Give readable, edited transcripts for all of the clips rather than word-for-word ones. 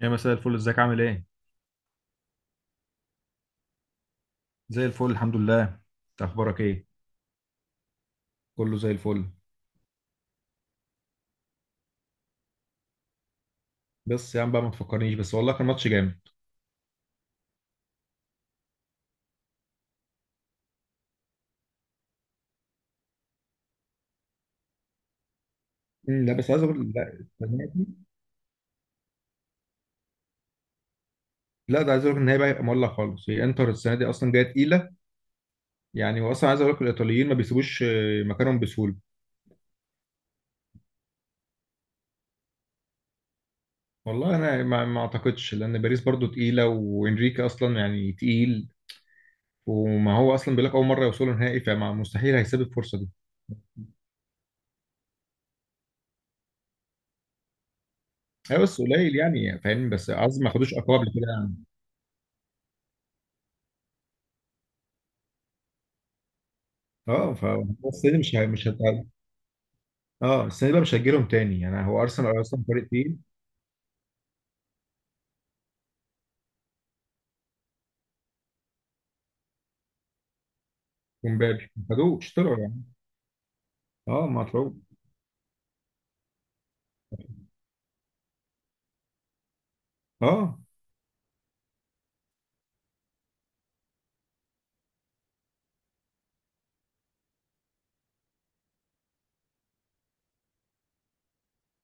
يا مساء الفل، ازيك عامل ايه؟ زي الفل الحمد لله. انت اخبارك ايه؟ كله زي الفل. بس يا عم بقى ما تفكرنيش، بس والله كان ماتش جامد. مم، لا بس عايز اقول لا. السنة دي- لا ده عايز اقول لك ان هي بقى هيبقى مولع خالص. هي انتر السنه دي اصلا جايه تقيله، يعني هو اصلا عايز اقول لك الايطاليين ما بيسيبوش مكانهم بسهوله. والله انا ما اعتقدش، لان باريس برضو تقيله وانريكي اصلا يعني تقيل. وما هو اصلا بيقول لك اول مره يوصلوا نهائي، فمستحيل هيسيب الفرصه دي. هي بس قليل يعني فاهم، بس عايز ما خدوش اقوى قبل كده يعني. اه ف بس دي مش هي- مش هت- اه السنه دي بقى مش هتجيلهم تاني، يعني هو ارسنال اصلا فريق تقيل. ومبابي ما خدوه، اشتروا يعني. اه ما طلعوه. اه.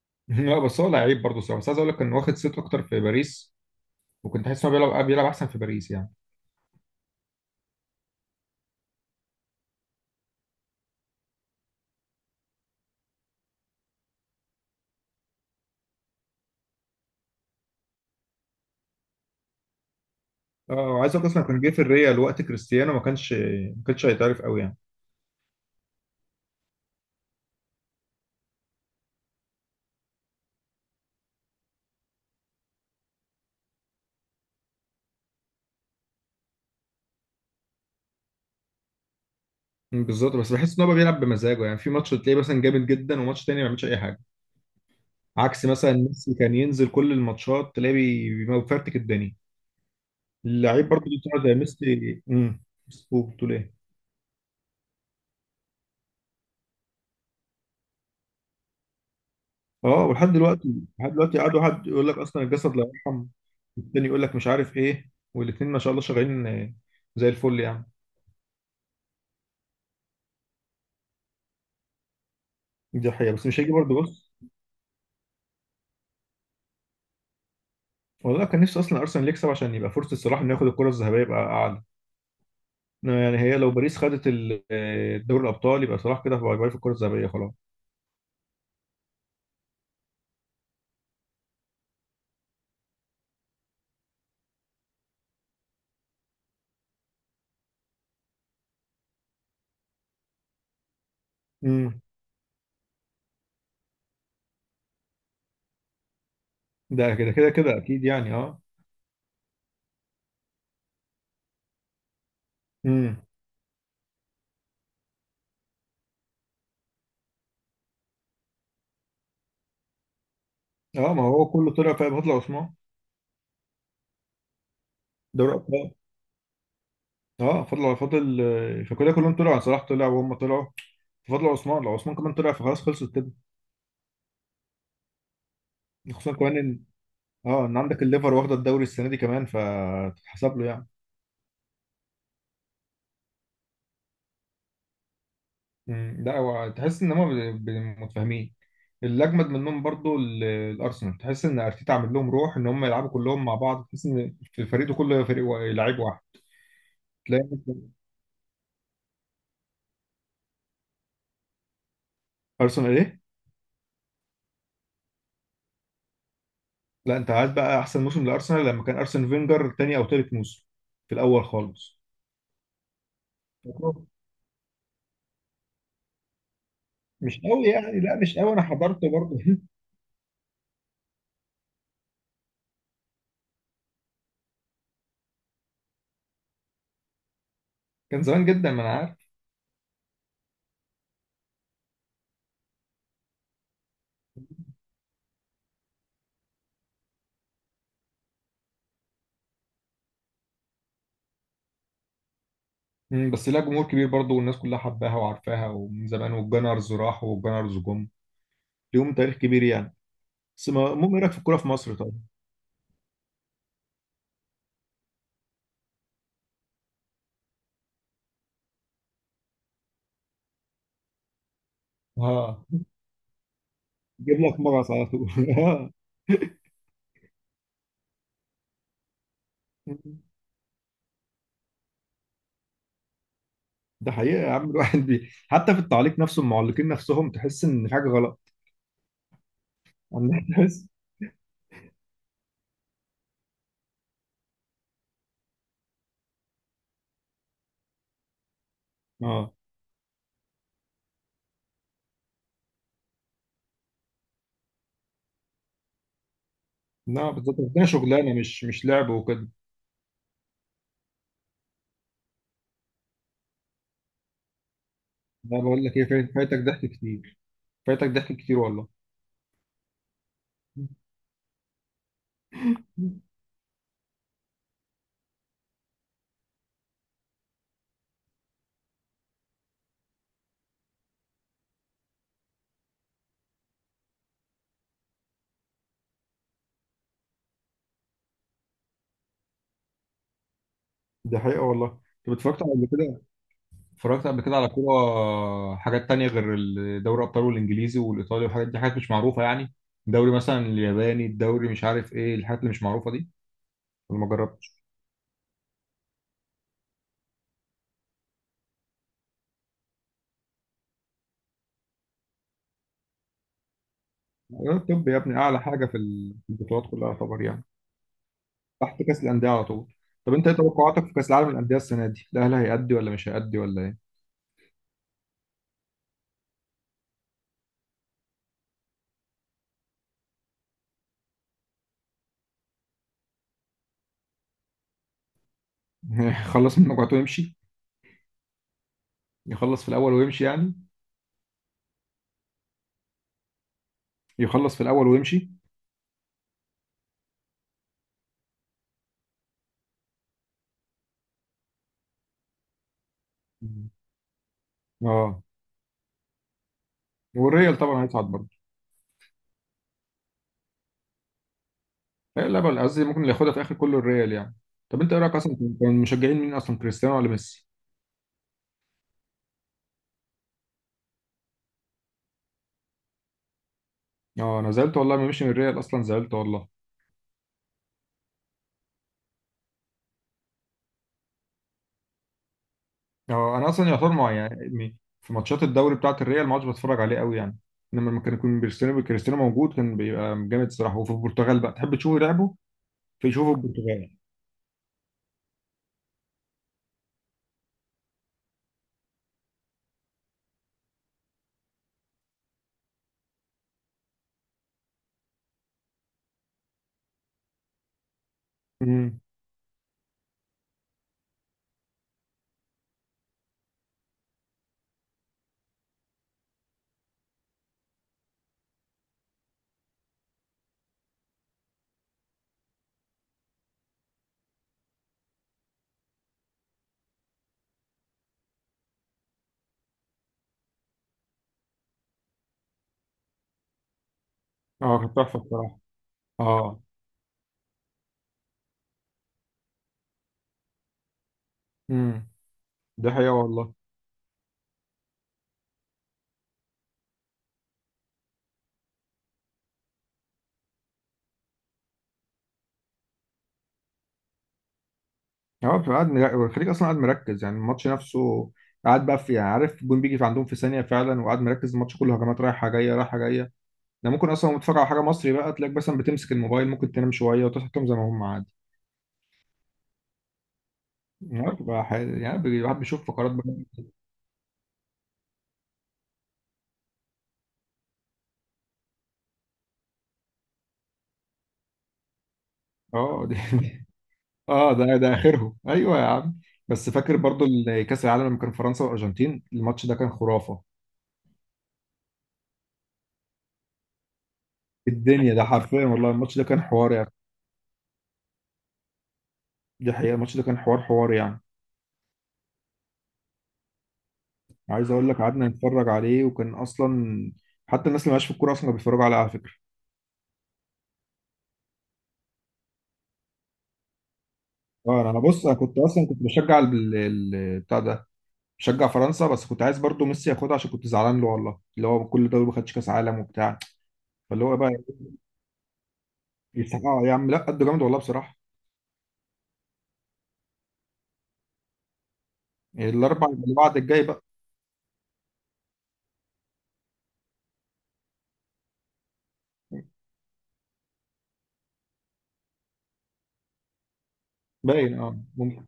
لا بس هو لعيب برضه صراحه، بس عايز اقول لك كان واخد صيت اكتر في باريس، وكنت حاسس انه بيلعب احسن في باريس يعني. اه وعايز اقول لك اصلا كان جه في الريال وقت كريستيانو، ما كانش ما كانش هيتعرف قوي يعني. مم، بالظبط، بس بحس ان هو بيلعب بمزاجه. يعني في ماتش تلاقيه مثلا جامد جدا، وماتش تاني ما بيعملش اي حاجه. عكس مثلا ميسي، كان ينزل كل الماتشات تلاقيه بيفرتك الدنيا. اللعيب برضه اللي طلع زي ميسي. بتقول ايه؟ اه ولحد دلوقتي. لحد دلوقتي قعد واحد يقول لك اصلا الجسد لا يرحم، والتاني يقول لك مش عارف ايه، والاثنين ما شاء الله شغالين. زي الفل يعني. دي حقيقة، بس مش هيجي برضه، بص. والله كان نفسي اصلا ارسنال يكسب عشان يبقى فرصة صلاح انه ياخد الكرة الذهبية، يبقى اعلى. إنما يعني هي لو باريس خدت دوري الابطال، يبقى صلاح كده باي باي في الكرة الذهبية خلاص. امم. ده كده كده كده اكيد يعني، اه. امم. اه ما هو كله طلع في بطل عثمان. دوري ابطال. اه فضل فضل فكده كلهم طلعوا يعني. صلاح طلع وهم طلعوا. فضل عثمان، لو عثمان كمان طلع فخلاص خلصت كده. خصوصا كمان ان اه ان عندك الليفر واخده الدوري السنه دي كمان، فتتحسب له يعني. مم، لا هو تحس ان متفاهمين. اللي اجمد منهم برضو الارسنال، تحس ان ارتيتا عامل لهم روح ان هم يلعبوا كلهم مع بعض. تحس ان في الفريق ده كله فريق لعيب واحد. تلاقي ارسنال ايه؟ لا انت عايز بقى احسن موسم لارسنال لما كان ارسن فينجر تاني او تالت موسم، في الاول خالص. مش قوي يعني، لا مش قوي، انا حضرته برضه. كان زمان جدا، ما انا عارف. مم، بس لها جمهور كبير برضه، والناس كلها حباها وعارفاها ومن زمان، والجنرز راحوا والجنرز جم. ليهم تاريخ كبير يعني. بس ما- المهم، ايه رايك في الكوره في مصر طبعا؟ اه، جيب لك مغص على طول. آه. ده حقيقة يا عم، الواحد حتى في التعليق نفسه المعلقين نفسهم تحس ان في حاجة غلط. عندنا تحس. اه لا بالظبط، ده شغلانة مش مش لعب وكده. لا بقول لك ايه، فايتك ضحك كتير. فايتك ضحك كتير والله. ده حقيقة والله. انت اتفرجت على اتفرجت قبل كده على كورة حاجات تانية غير دوري الأبطال والإنجليزي والإيطالي والحاجات دي، حاجات مش معروفة يعني؟ دوري مثلا الياباني، الدوري مش عارف إيه، الحاجات اللي مش معروفة دي، ولا ما جربتش؟ أيوة، الطب يا ابني أعلى حاجة في في البطولات كلها يعتبر يعني. تحت كأس الأندية على طول. طب أنت إيه توقعاتك في كأس العالم للأندية السنة دي؟ الأهلي هيأدي ولا مش هيأدي ولا إيه؟ يخلص من مجموعته ويمشي. يخلص في الأول ويمشي يعني. يخلص في الأول ويمشي. مم. أه. والريال طبعا هيصعد برضه. لا لا، بل قصدي ممكن اللي ياخدها في اخر كله الريال يعني. طب انت ايه رايك، اصلا كان مشجعين مين، اصلا كريستيانو ولا ميسي؟ اه انا زعلت والله ما مشي من الريال، اصلا زعلت والله. اه انا اصلا يعتبر مع يعني يعني في ماتشات الدوري بتاعه الريال ما عادش بتفرج عليه قوي يعني. انما لما كان يكون كريستيانو موجود كان بيبقى جامد الصراحه. وفي البرتغال بقى تحب تشوفه لعبه. فيشوفه البرتغال. امم. اه كانت تحفه الصراحه. اه. امم. ده حقيقه والله. هو بتبقى قاعد الخليج اصلا قاعد مركز يعني الماتش نفسه. قاعد بقى في يعني عارف الجون بيجي في عندهم في ثانيه فعلا، وقاعد مركز الماتش كله، هجمات رايحه جايه رايحه جايه. ده ممكن اصلا وأنت بتتفرج على حاجه مصري بقى، تلاقيك مثلا بتمسك الموبايل، ممكن تنام شويه وتصحى تقوم زي ما هم عادي. يعني بتبقى الواحد بيشوف فقرات بقى. اه دي. اه ده ده اخرهم، ايوه يا عم. بس فاكر برضو كاس العالم لما كان فرنسا والارجنتين، الماتش ده كان خرافه. الدنيا، ده حرفيا والله الماتش ده كان حوار يعني. دي حقيقه، الماتش ده كان حوار حوار يعني. عايز اقول لك قعدنا نتفرج عليه، وكان اصلا حتى الناس اللي مالهاش في الكوره اصلا كانوا بيتفرجوا عليه على فكره. اه انا أنا بص، انا كنت اصلا كنت بشجع بتاع ده، بشجع فرنسا، بس كنت عايز برضو ميسي ياخدها عشان كنت زعلان له والله، اللي هو كل ده ما خدش كاس عالم وبتاع. فاللي هو بقى يستحقها يا عم، لا قد جامد والله بصراحه. الاربع اللي بعد الجاي بقى. باين اه ممكن.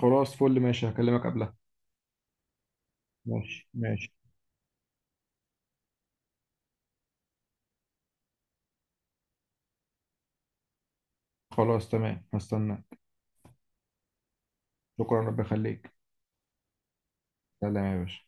خلاص فل، ماشي هكلمك قبلها. ماشي ماشي. خلاص تمام هستنى. شكرا، ربي يخليك. سلام يا باشا.